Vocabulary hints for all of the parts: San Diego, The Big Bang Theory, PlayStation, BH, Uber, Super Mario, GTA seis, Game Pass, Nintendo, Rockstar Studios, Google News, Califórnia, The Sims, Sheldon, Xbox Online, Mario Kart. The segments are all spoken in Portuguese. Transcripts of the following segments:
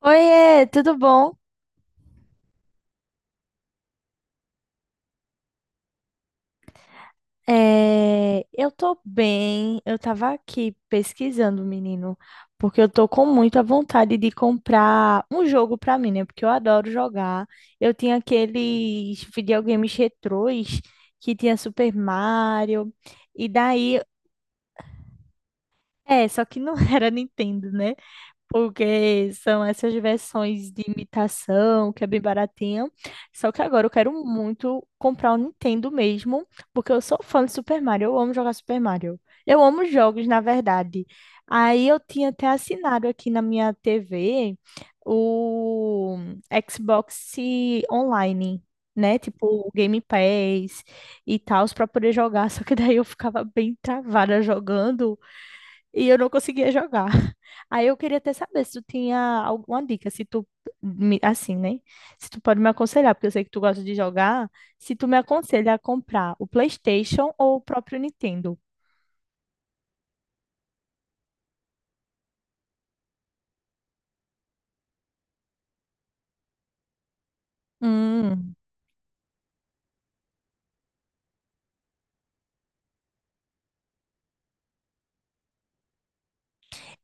Oiê, tudo bom? É, eu tô bem. Eu tava aqui pesquisando, menino, porque eu tô com muita vontade de comprar um jogo pra mim, né? Porque eu adoro jogar. Eu tinha aqueles videogames retrôs que tinha Super Mario, e daí, é, só que não era Nintendo, né? Porque são essas versões de imitação, que é bem baratinha. Só que agora eu quero muito comprar o Nintendo mesmo, porque eu sou fã de Super Mario, eu amo jogar Super Mario. Eu amo jogos, na verdade. Aí eu tinha até assinado aqui na minha TV o Xbox Online, né? Tipo o Game Pass e tal, para poder jogar. Só que daí eu ficava bem travada jogando e eu não conseguia jogar. Aí eu queria até saber se tu tinha alguma dica, se tu, assim, né? Se tu pode me aconselhar, porque eu sei que tu gosta de jogar, se tu me aconselha a comprar o PlayStation ou o próprio Nintendo. Hum,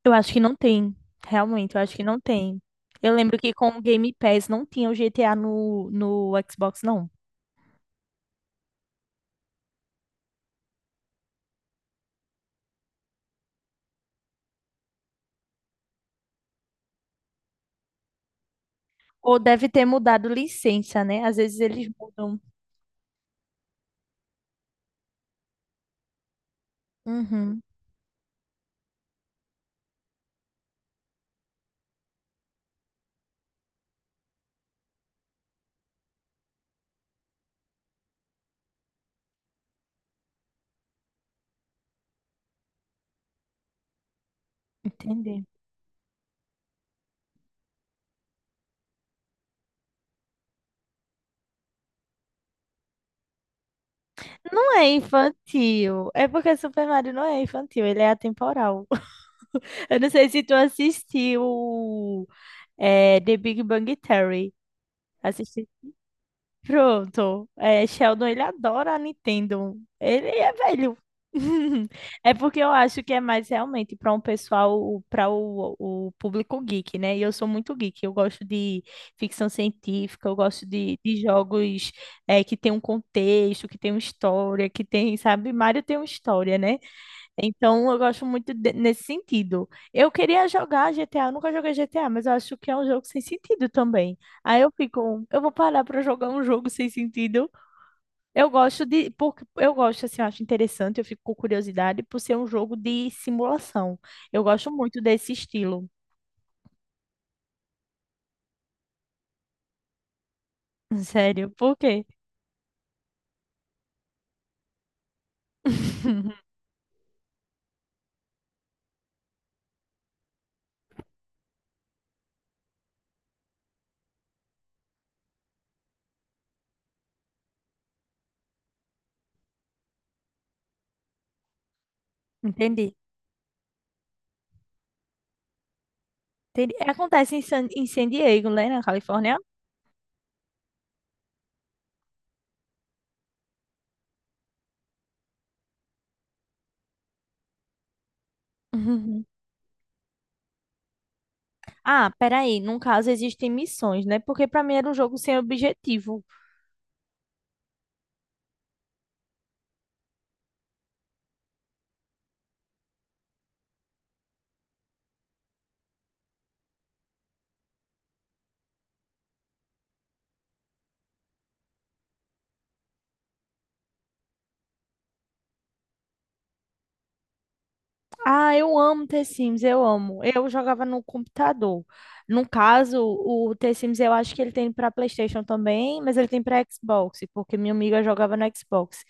eu acho que não tem. Realmente, eu acho que não tem. Eu lembro que com o Game Pass não tinha o GTA no Xbox, não. Ou deve ter mudado licença, né? Às vezes eles mudam. Uhum, entendi. Não é infantil. É porque Super Mario não é infantil, ele é atemporal. Eu não sei se tu assistiu The Big Bang Theory. Pronto. É, Sheldon, ele adora a Nintendo. Ele é velho. É porque eu acho que é mais realmente para um pessoal, o público geek, né? E eu sou muito geek. Eu gosto de ficção científica, eu gosto de jogos que tem um contexto, que tem uma história, que tem, sabe? Mario tem uma história, né? Então, eu gosto muito nesse sentido. Eu queria jogar GTA, eu nunca joguei GTA, mas eu acho que é um jogo sem sentido também. Aí eu fico, eu vou parar para jogar um jogo sem sentido. Eu gosto de, porque eu gosto assim, eu acho interessante, eu fico com curiosidade por ser um jogo de simulação. Eu gosto muito desse estilo. Sério, por quê? Entendi. Entendi. Acontece em em San Diego, né, na Califórnia? Uhum. Ah, peraí. Num caso, existem missões, né? Porque pra mim era um jogo sem objetivo. Ah, eu amo The Sims, eu amo. Eu jogava no computador. No caso, o The Sims eu acho que ele tem para PlayStation também, mas ele tem para Xbox, porque minha amiga jogava no Xbox.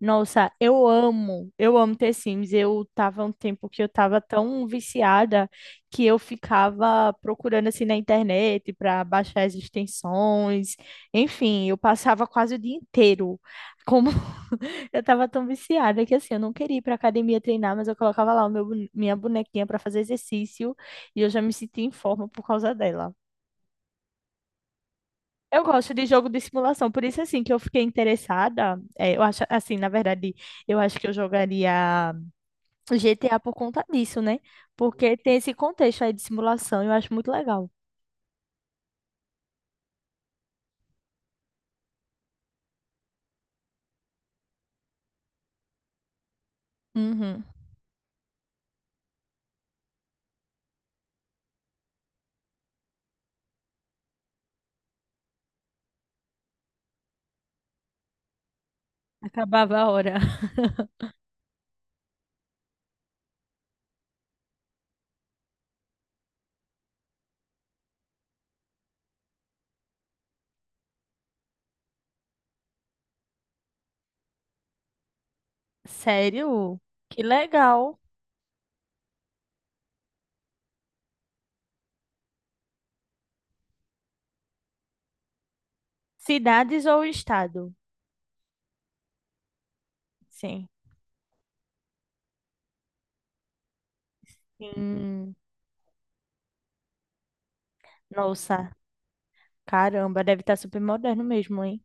Nossa, eu amo The Sims. Eu tava um tempo que eu tava tão viciada que eu ficava procurando assim na internet para baixar as extensões. Enfim, eu passava quase o dia inteiro. Eu tava tão viciada que assim, eu não queria ir pra academia treinar, mas eu colocava lá minha bonequinha pra fazer exercício e eu já me sentia em forma por causa dela. Eu gosto de jogo de simulação, por isso assim que eu fiquei interessada. É, eu acho assim, na verdade, eu acho que eu jogaria GTA por conta disso, né? Porque tem esse contexto aí de simulação, eu acho muito legal. Uhum. Acabava a hora. Sério? Que legal. Cidades ou estado? Sim. Hum, nossa, caramba, deve estar super moderno mesmo, hein?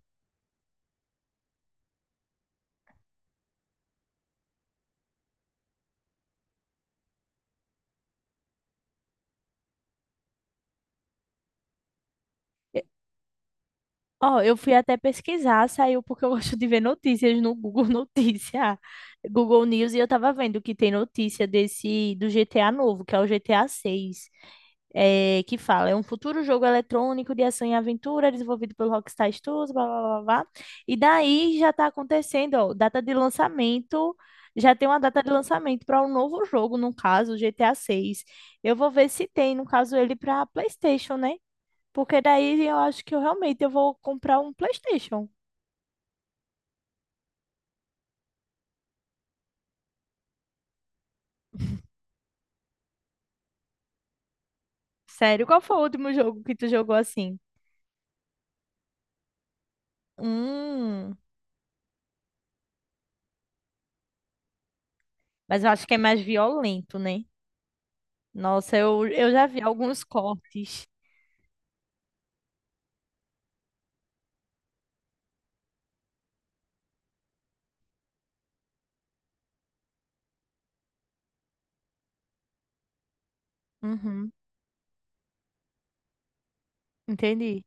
E- Ó, eu fui até pesquisar, saiu porque eu gosto de ver notícias no Google Notícia, Google News, e eu tava vendo que tem notícia desse do GTA novo, que é o GTA 6, é, que fala, é um futuro jogo eletrônico de ação e aventura desenvolvido pelo Rockstar Studios, blá, blá, blá, blá. E daí já tá acontecendo, ó, data de lançamento, já tem uma data de lançamento para um novo jogo, no caso, o GTA 6. Eu vou ver se tem, no caso, ele para PlayStation, né? Porque daí eu acho que eu realmente eu vou comprar um PlayStation. Sério, qual foi o último jogo que tu jogou assim? Hum, mas eu acho que é mais violento, né? Nossa, eu já vi alguns cortes. Uhum, entendi.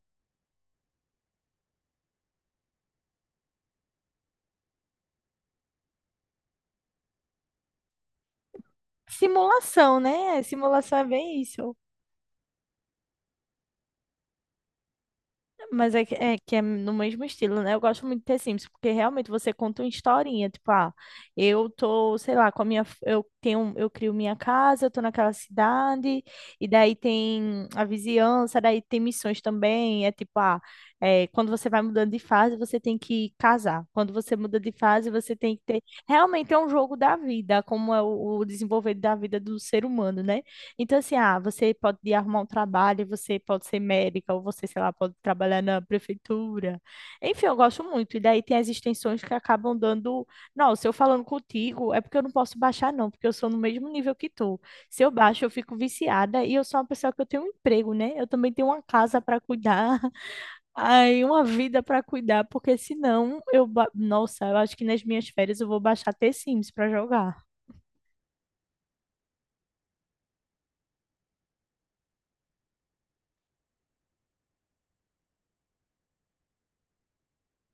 Simulação, né? Simulação é bem isso. Mas é é que é no mesmo estilo, né? Eu gosto muito de ter Sims, porque realmente você conta uma historinha, tipo, ah, eu tô, sei lá, com a eu tenho, eu crio minha casa, eu tô naquela cidade, e daí tem a vizinhança, daí tem missões também, é tipo, ah, é, quando você vai mudando de fase, você tem que casar. Quando você muda de fase, você tem que ter, realmente é um jogo da vida, como é o desenvolver da vida do ser humano, né? Então, assim, ah, você pode ir arrumar um trabalho, você pode ser médica, ou você, sei lá, pode trabalhar na prefeitura. Enfim, eu gosto muito. E daí tem as extensões que acabam dando. Não, se eu falando contigo, é porque eu não posso baixar, não, porque eu sou no mesmo nível que tu. Se eu baixo, eu fico viciada e eu sou uma pessoa que eu tenho um emprego, né? Eu também tenho uma casa para cuidar, aí uma vida para cuidar, porque nossa, eu acho que nas minhas férias eu vou baixar The Sims para jogar.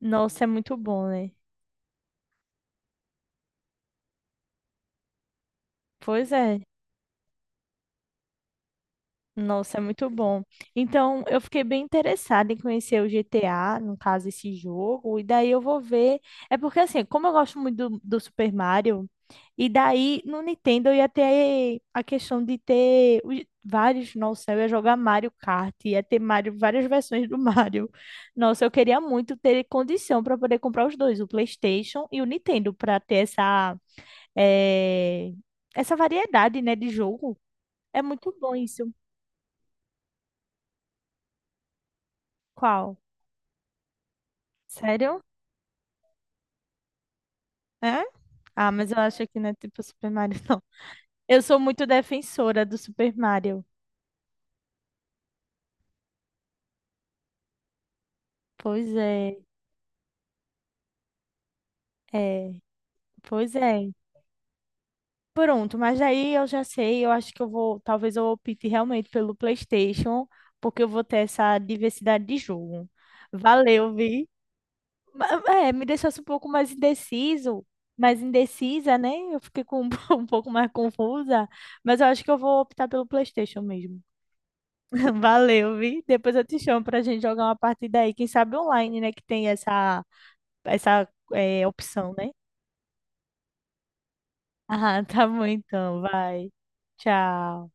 Nossa, é muito bom, né? Pois é. Nossa, é muito bom. Então, eu fiquei bem interessada em conhecer o GTA, no caso, esse jogo, e daí eu vou ver. É porque, assim, como eu gosto muito do Super Mario, e daí no Nintendo eu ia ter a questão de ter vários. Nossa, eu ia jogar Mario Kart, ia ter Mario, várias versões do Mario. Nossa, eu queria muito ter condição para poder comprar os dois, o PlayStation e o Nintendo, para ter eh, essa variedade, né, de jogo. É muito bom isso. Qual? Sério? É? Ah, mas eu acho que não é tipo Super Mario, não. Eu sou muito defensora do Super Mario. Pois é, é, pois é. Pronto, mas aí eu já sei, eu acho que eu vou, talvez eu opte realmente pelo PlayStation, porque eu vou ter essa diversidade de jogo. Valeu, vi. É, me deixasse um pouco mais indeciso, mais indecisa, né? Eu fiquei com um pouco mais confusa, mas eu acho que eu vou optar pelo PlayStation mesmo. Valeu, vi. Depois eu te chamo pra gente jogar uma partida aí. Quem sabe online, né? Que tem essa, essa opção, né? Ah, tá bom então. Vai. Tchau.